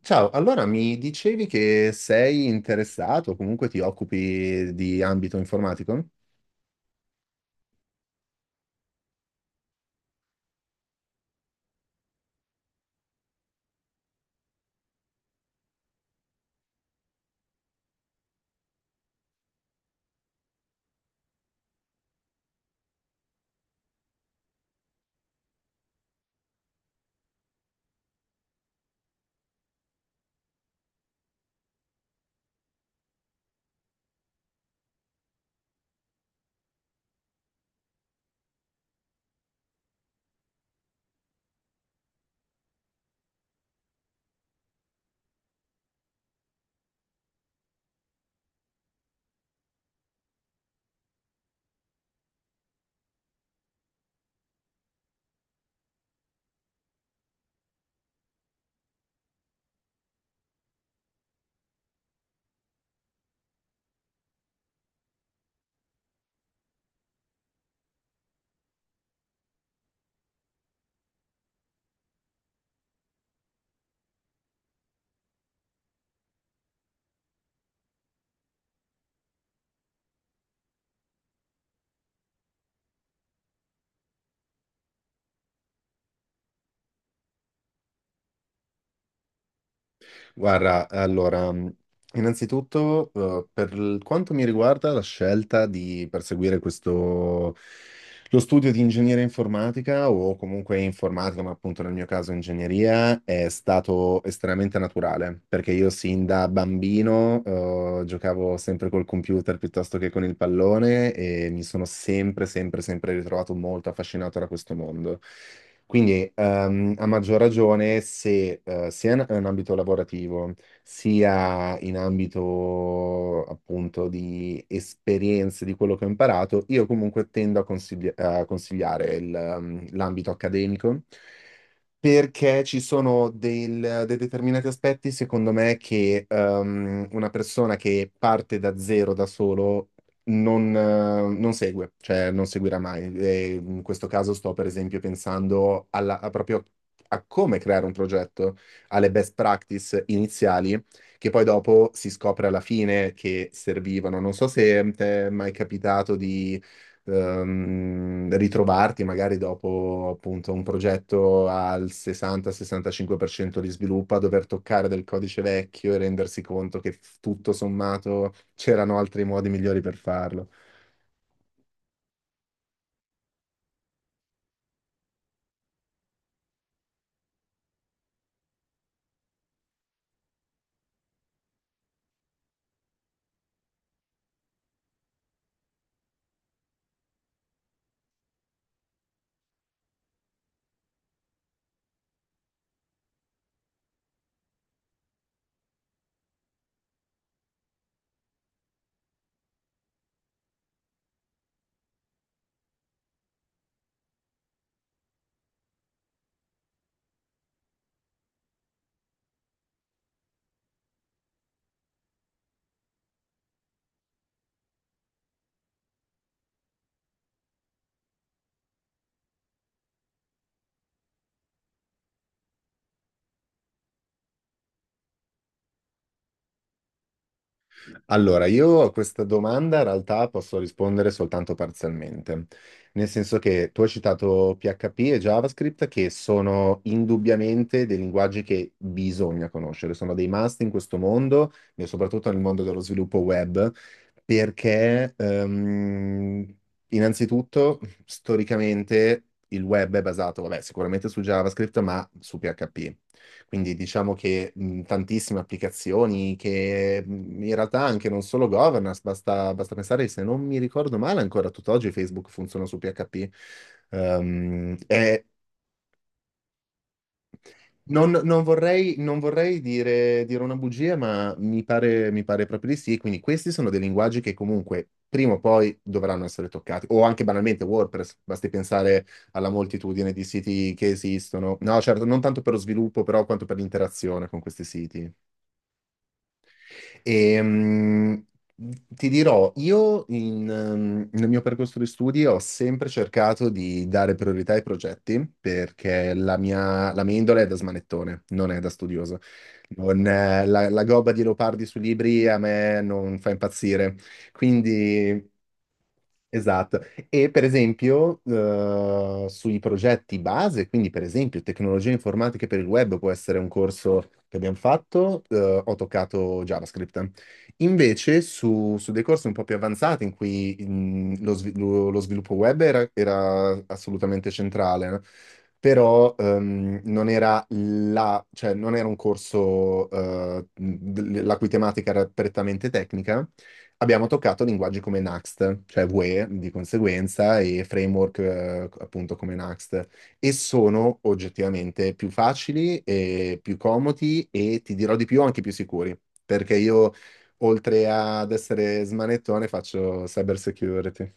Ciao, allora mi dicevi che sei interessato, comunque ti occupi di ambito informatico? Guarda, allora, innanzitutto, quanto mi riguarda, la scelta di perseguire questo, lo studio di ingegneria informatica o comunque informatica, ma appunto nel mio caso ingegneria, è stato estremamente naturale, perché io sin da bambino, giocavo sempre col computer piuttosto che con il pallone e mi sono sempre, sempre, sempre ritrovato molto affascinato da questo mondo. Quindi, a maggior ragione, se sia in ambito lavorativo, sia in ambito appunto di esperienze, di quello che ho imparato, io comunque tendo a consigliare l'ambito accademico perché ci sono dei determinati aspetti, secondo me, che una persona che parte da zero da solo non segue, cioè non seguirà mai. E in questo caso sto per esempio pensando a proprio a come creare un progetto, alle best practice iniziali che poi dopo si scopre alla fine che servivano. Non so se ti è mai capitato di ritrovarti magari dopo appunto un progetto al 60-65% di sviluppo a dover toccare del codice vecchio e rendersi conto che tutto sommato c'erano altri modi migliori per farlo. Allora, io a questa domanda in realtà posso rispondere soltanto parzialmente, nel senso che tu hai citato PHP e JavaScript che sono indubbiamente dei linguaggi che bisogna conoscere, sono dei must in questo mondo e soprattutto nel mondo dello sviluppo web, perché innanzitutto, storicamente il web è basato, vabbè, sicuramente su JavaScript, ma su PHP. Quindi diciamo che tantissime applicazioni che in realtà anche non solo governance, basta pensare, se non mi ricordo male, ancora tutt'oggi Facebook funziona su PHP. È non vorrei, non vorrei dire una bugia, ma mi pare proprio di sì. Quindi questi sono dei linguaggi che comunque prima o poi dovranno essere toccati. O anche banalmente WordPress, basti pensare alla moltitudine di siti che esistono. No, certo, non tanto per lo sviluppo, però quanto per l'interazione con questi siti. E, ti dirò, io nel mio percorso di studi ho sempre cercato di dare priorità ai progetti perché la mia indole è da smanettone, non è da studioso. Non, la, la gobba di Leopardi sui libri a me non fa impazzire. Quindi... Esatto, e per esempio, sui progetti base, quindi per esempio tecnologie informatiche per il web può essere un corso che abbiamo fatto, ho toccato JavaScript. Invece su dei corsi un po' più avanzati in cui lo sviluppo web era, era assolutamente centrale, no? Però non era non era un corso la cui tematica era prettamente tecnica, abbiamo toccato linguaggi come Next, cioè Vue di conseguenza, e framework appunto come Next, e sono oggettivamente più facili e più comodi e ti dirò di più anche più sicuri, perché io oltre ad essere smanettone faccio cyber security.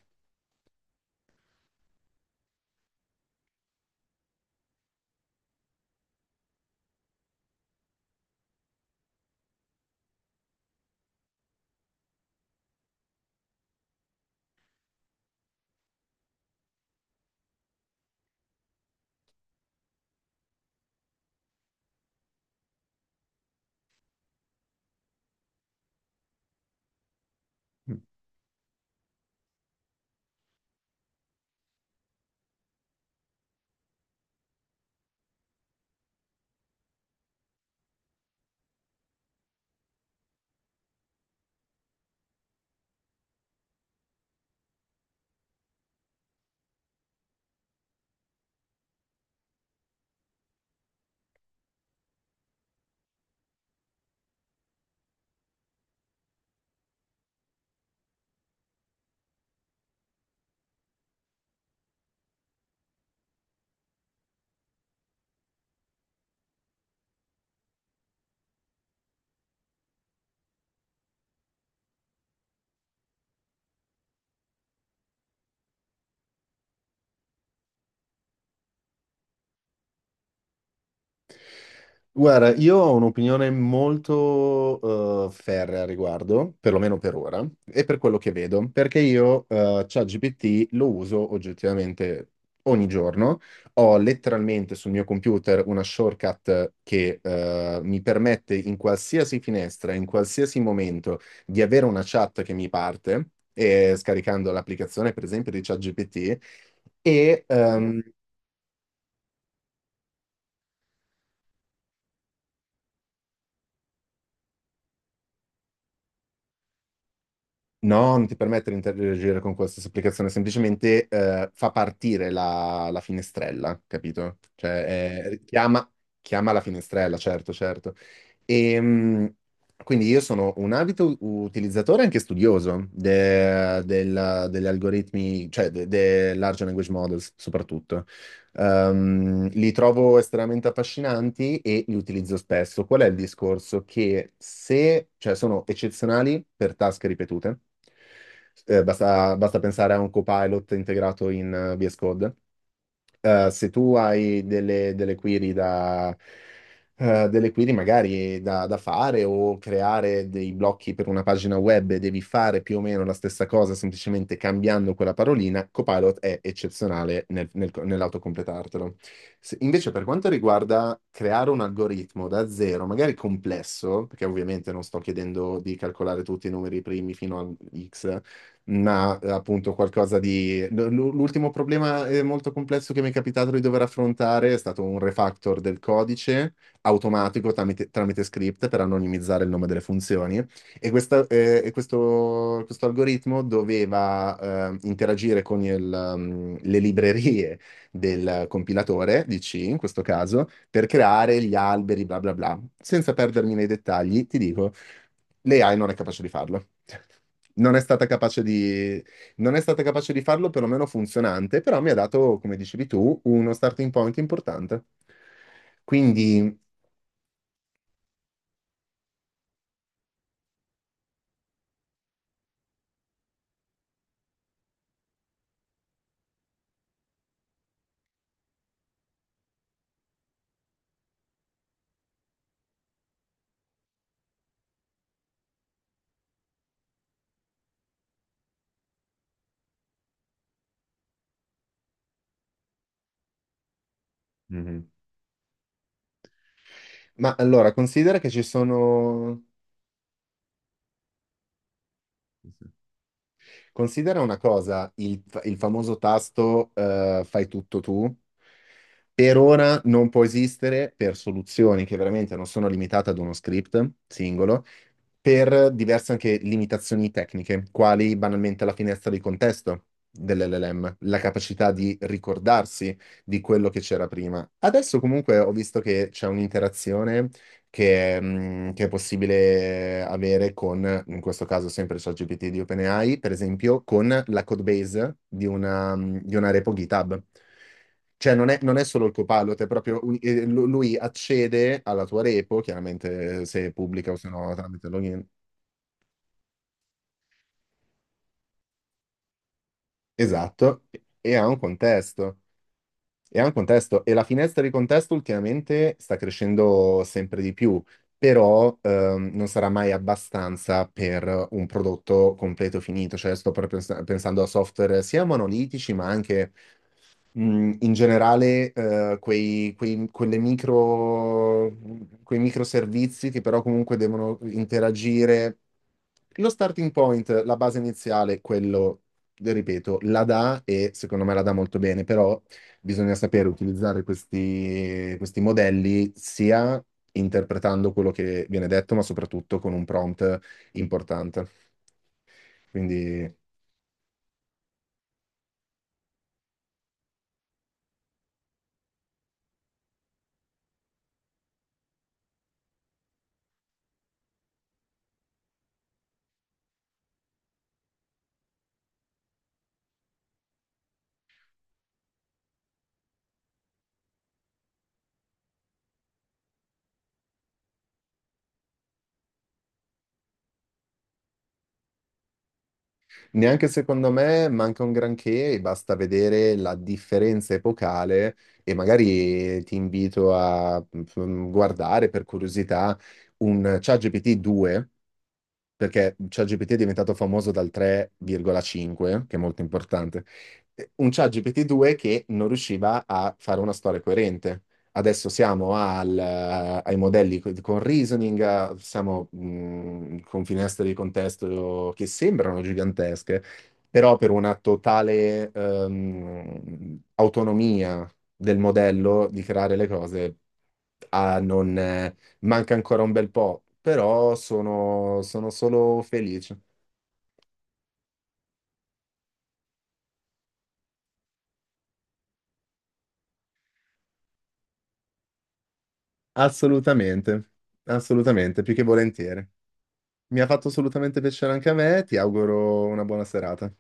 Guarda, io ho un'opinione molto ferrea a riguardo, perlomeno per ora, e per quello che vedo, perché io ChatGPT lo uso oggettivamente ogni giorno. Ho letteralmente sul mio computer una shortcut che mi permette in qualsiasi finestra, in qualsiasi momento, di avere una chat che mi parte, e scaricando l'applicazione, per esempio, di ChatGPT, e Mm. ehm, no, non ti permette di interagire con qualsiasi applicazione, semplicemente fa partire la finestrella, capito? Cioè, chiama la finestrella, certo, certo. E, quindi io sono un abito utilizzatore e anche studioso degli algoritmi, cioè dei large language models soprattutto. Li trovo estremamente affascinanti e li utilizzo spesso. Qual è il discorso? Che se, cioè, sono eccezionali per task ripetute. Basta pensare a un copilot integrato in VS Code, se tu hai delle query delle query magari da fare o creare dei blocchi per una pagina web e devi fare più o meno la stessa cosa, semplicemente cambiando quella parolina, Copilot è eccezionale nell'autocompletartelo. Invece per quanto riguarda creare un algoritmo da zero, magari complesso, perché ovviamente non sto chiedendo di calcolare tutti i numeri primi fino a X, ma appunto qualcosa di... l'ultimo problema molto complesso che mi è capitato di dover affrontare è stato un refactor del codice automatico tramite script per anonimizzare il nome delle funzioni e questo algoritmo doveva interagire con le librerie del compilatore di C in questo caso per creare gli alberi bla bla bla. Senza perdermi nei dettagli, ti dico, l'AI non è capace di farlo. Non è stata capace non è stata capace di farlo, perlomeno funzionante, però mi ha dato, come dicevi tu, uno starting point importante. Quindi, mhm, ma allora, considera che ci sono... Considera una cosa, il famoso tasto fai tutto tu, per ora non può esistere per soluzioni che veramente non sono limitate ad uno script singolo, per diverse anche limitazioni tecniche, quali banalmente la finestra di contesto dell'LLM, la capacità di ricordarsi di quello che c'era prima. Adesso comunque ho visto che c'è un'interazione che è possibile avere con, in questo caso sempre ChatGPT di OpenAI, per esempio, con la codebase di di una repo GitHub. Cioè, non è solo il copilot, è proprio lui accede alla tua repo, chiaramente se è pubblica o se no tramite login. Esatto, e ha un contesto. E ha un contesto, e la finestra di contesto ultimamente sta crescendo sempre di più, però non sarà mai abbastanza per un prodotto completo finito. Cioè, sto proprio pensando a software sia monolitici, ma anche in generale quelle micro, quei microservizi che però comunque devono interagire. Lo starting point, la base iniziale, quello, ripeto, la dà e secondo me la dà molto bene, però bisogna sapere utilizzare questi, questi modelli sia interpretando quello che viene detto, ma soprattutto con un prompt importante. Quindi neanche secondo me manca un granché, e basta vedere la differenza epocale e magari ti invito a guardare per curiosità un ChatGPT 2 perché ChatGPT è diventato famoso dal 3,5, che è molto importante, un ChatGPT 2 che non riusciva a fare una storia coerente. Adesso siamo ai modelli con reasoning, siamo con finestre di contesto che sembrano gigantesche, però per una totale autonomia del modello di creare le cose ah, non, manca ancora un bel po', però sono, sono solo felice. Assolutamente, assolutamente, più che volentieri. Mi ha fatto assolutamente piacere anche a me, ti auguro una buona serata.